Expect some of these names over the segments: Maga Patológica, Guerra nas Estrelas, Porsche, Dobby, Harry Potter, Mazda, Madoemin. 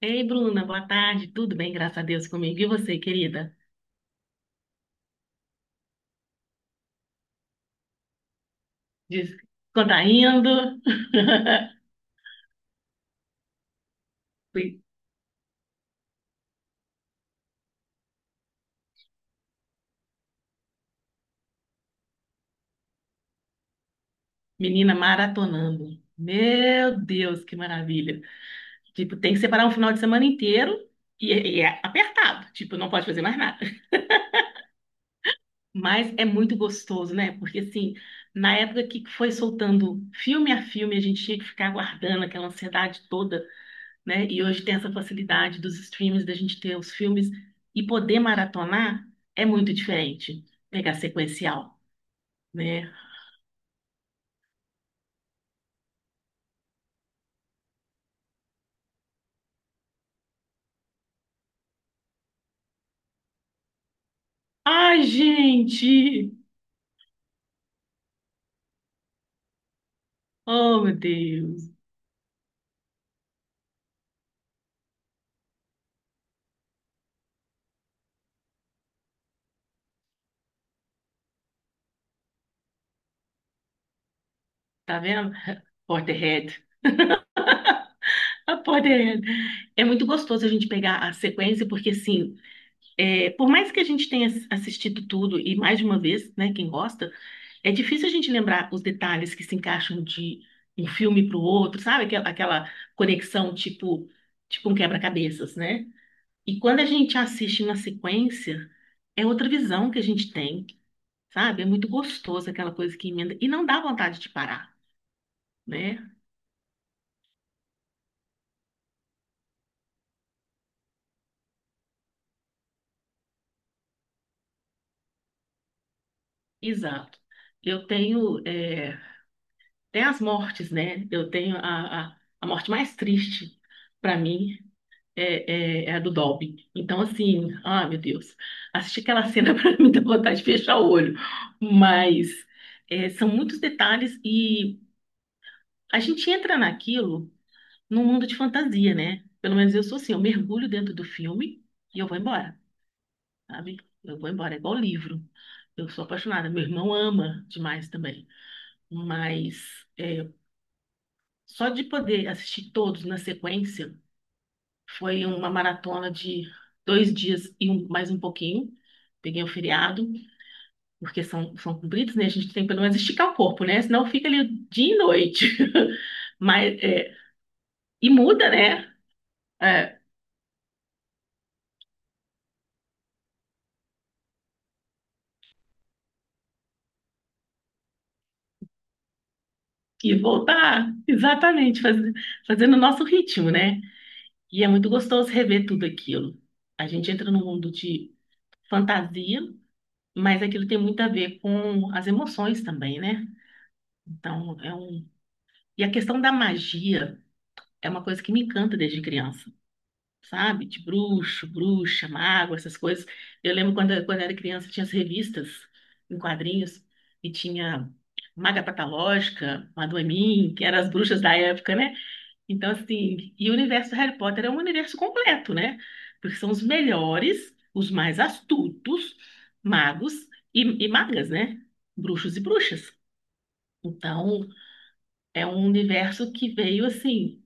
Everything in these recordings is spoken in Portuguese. Ei, Bruna, boa tarde. Tudo bem, graças a Deus comigo. E você, querida? Diz, quando tá indo? Fui menina maratonando. Meu Deus, que maravilha. Tipo, tem que separar um final de semana inteiro e, e é apertado. Tipo, não pode fazer mais nada. Mas é muito gostoso, né? Porque, assim, na época que foi soltando filme a filme, a gente tinha que ficar aguardando aquela ansiedade toda, né? E hoje tem essa facilidade dos streams, da gente ter os filmes e poder maratonar é muito diferente. Pegar sequencial, né? Ai, gente! Oh, meu Deus! Tá vendo? Porterhead. A Porterhead. É muito gostoso a gente pegar a sequência, porque, assim, é, por mais que a gente tenha assistido tudo e mais de uma vez, né? Quem gosta, é difícil a gente lembrar os detalhes que se encaixam de um filme para o outro, sabe? Aquela conexão tipo, tipo um quebra-cabeças, né? E quando a gente assiste na sequência, é outra visão que a gente tem, sabe? É muito gostoso aquela coisa que emenda e não dá vontade de parar, né? Exato. Eu tenho é, até as mortes, né? Eu tenho a morte mais triste para mim é, é, é a do Dobby. Então, assim, ah, meu Deus, assistir aquela cena para mim dá vontade de fechar o olho. Mas é, são muitos detalhes e a gente entra naquilo num mundo de fantasia, né? Pelo menos eu sou assim, eu mergulho dentro do filme e eu vou embora, sabe? Eu vou embora, é igual livro. Eu sou apaixonada, meu irmão ama demais também. Mas é, só de poder assistir todos na sequência. Foi uma maratona de dois dias e mais um pouquinho. Peguei o feriado, porque são, são compridos, né? A gente tem que pelo menos esticar o corpo, né? Senão fica ali dia e noite. Mas, é, e muda, né? É, e voltar, exatamente, fazendo o nosso ritmo, né? E é muito gostoso rever tudo aquilo. A gente entra num mundo de fantasia, mas aquilo tem muito a ver com as emoções também, né? Então, é um. E a questão da magia é uma coisa que me encanta desde criança, sabe? De bruxo, bruxa, mago, essas coisas. Eu lembro quando eu era criança, tinha as revistas em quadrinhos e tinha Maga Patológica, Madoemin, que eram as bruxas da época, né? Então, assim, e o universo do Harry Potter é um universo completo, né? Porque são os melhores, os mais astutos magos e magas, né? Bruxos e bruxas. Então, é um universo que veio assim.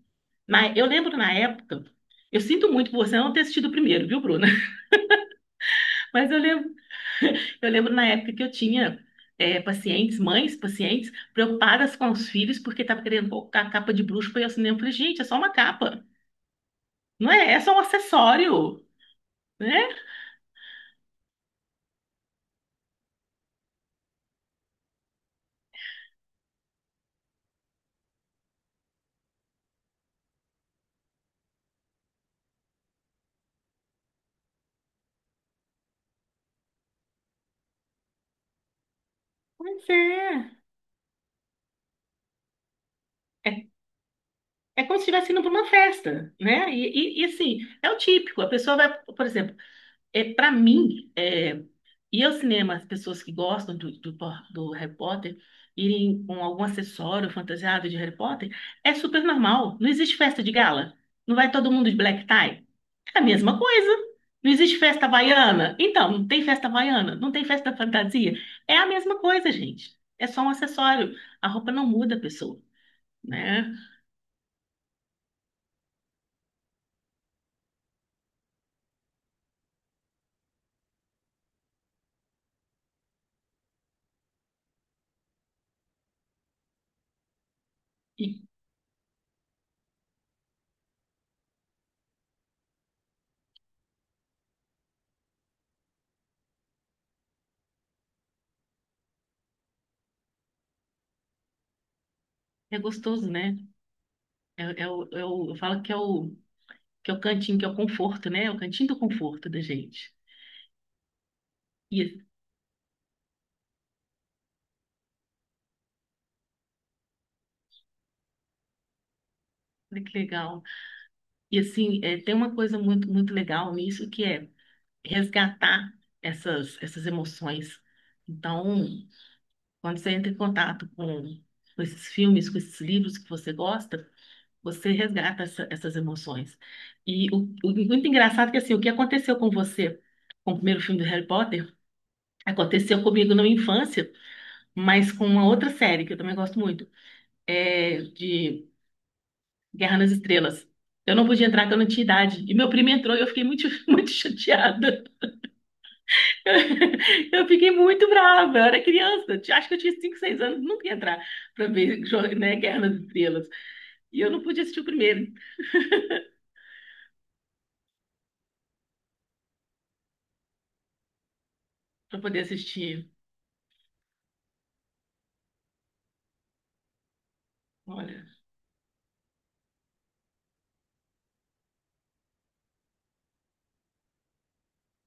Mas eu lembro na época, eu sinto muito por você não ter assistido o primeiro, viu, Bruna? Mas eu lembro na época que eu tinha é, pacientes, mães, pacientes, preocupadas com os filhos porque estava querendo colocar a capa de bruxo para ir ao cinema. Eu falei, gente, é só uma capa, não é? É só um acessório, né? Pois é. É, é como se estivesse indo para uma festa, né? E assim, é o típico. A pessoa vai, por exemplo, é, para mim, é, ir ao cinema, as pessoas que gostam do Harry Potter, irem com algum acessório fantasiado de Harry Potter, é super normal. Não existe festa de gala. Não vai todo mundo de black tie. É a mesma coisa. Não existe festa havaiana. Então, não tem festa havaiana, não tem festa fantasia. É a mesma coisa, gente. É só um acessório. A roupa não muda a pessoa, né? E é gostoso, né? É, é o, eu falo que é o cantinho, que é o conforto, né? É o cantinho do conforto da gente. E olha que legal. E assim, é, tem uma coisa muito, muito legal nisso que é resgatar essas emoções. Então, quando você entra em contato com esses filmes, com esses livros que você gosta, você resgata essas emoções. E o muito engraçado é que assim, o que aconteceu com você com o primeiro filme do Harry Potter aconteceu comigo na minha infância, mas com uma outra série que eu também gosto muito, é de Guerra nas Estrelas. Eu não podia entrar, que eu não tinha idade. E meu primo entrou e eu fiquei muito, muito chateada. Eu fiquei muito brava. Eu era criança. Eu acho que eu tinha 5, 6 anos. Nunca ia entrar para ver, né, Guerra nas Estrelas. E eu não podia assistir o primeiro para poder assistir. Olha,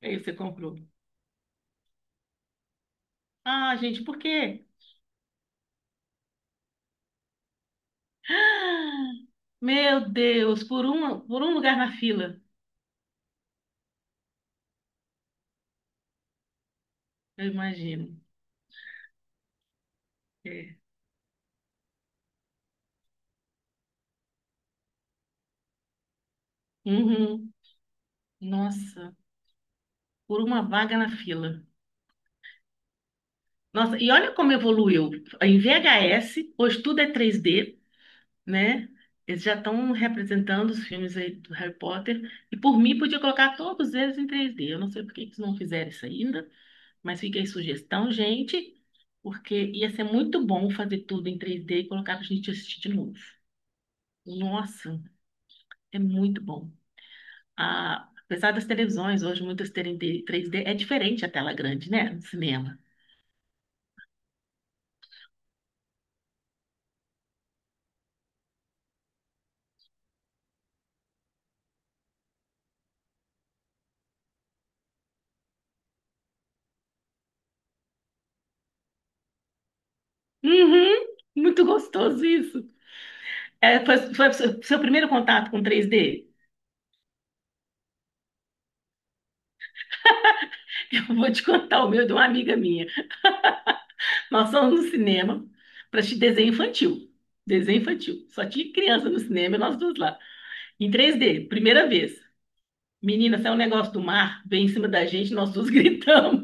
aí você comprou. Ah, gente, por quê? Meu Deus, por um lugar na fila. Eu imagino. É. Uhum. Nossa, por uma vaga na fila. Nossa, e olha como evoluiu. Em VHS, hoje tudo é 3D, né? Eles já estão representando os filmes aí do Harry Potter. E por mim, podia colocar todos eles em 3D. Eu não sei por que que eles não fizeram isso ainda, mas fica aí sugestão, gente, porque ia ser muito bom fazer tudo em 3D e colocar para a gente assistir de novo. Nossa, é muito bom. Ah, apesar das televisões hoje muitas terem 3D, é diferente a tela grande, né? No cinema. Uhum, muito gostoso isso. É, foi, foi seu primeiro contato com 3D? Eu vou te contar o meu de uma amiga minha. Nós fomos no cinema para assistir desenho infantil. Desenho infantil. Só tinha criança no cinema e nós duas lá. Em 3D, primeira vez. Menina, saiu um negócio do mar, veio em cima da gente, nós duas gritamos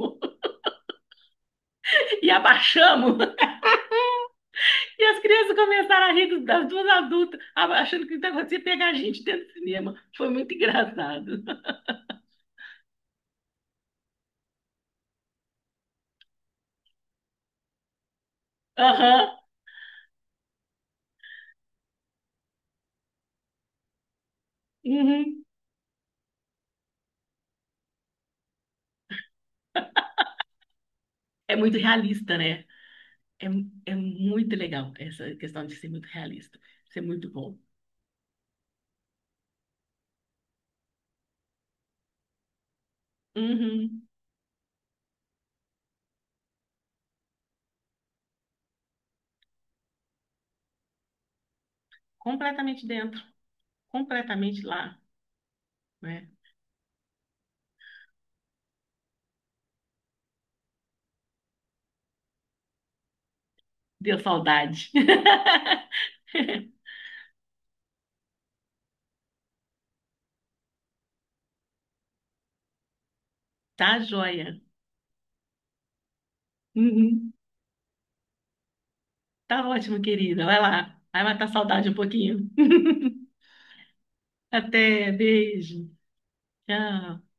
e abaixamos. E as crianças começaram a rir das duas adultas, achando que o negócio ia pegar a gente dentro do cinema. Foi muito engraçado. Aham, uhum. É muito realista, né? É, é muito legal essa questão de ser muito realista, ser muito bom. Uhum. Completamente dentro, completamente lá, né? Deu saudade. Tá joia. Uhum. Tá ótimo, querida. Vai lá. Vai matar a saudade um pouquinho. Até, beijo. Tchau.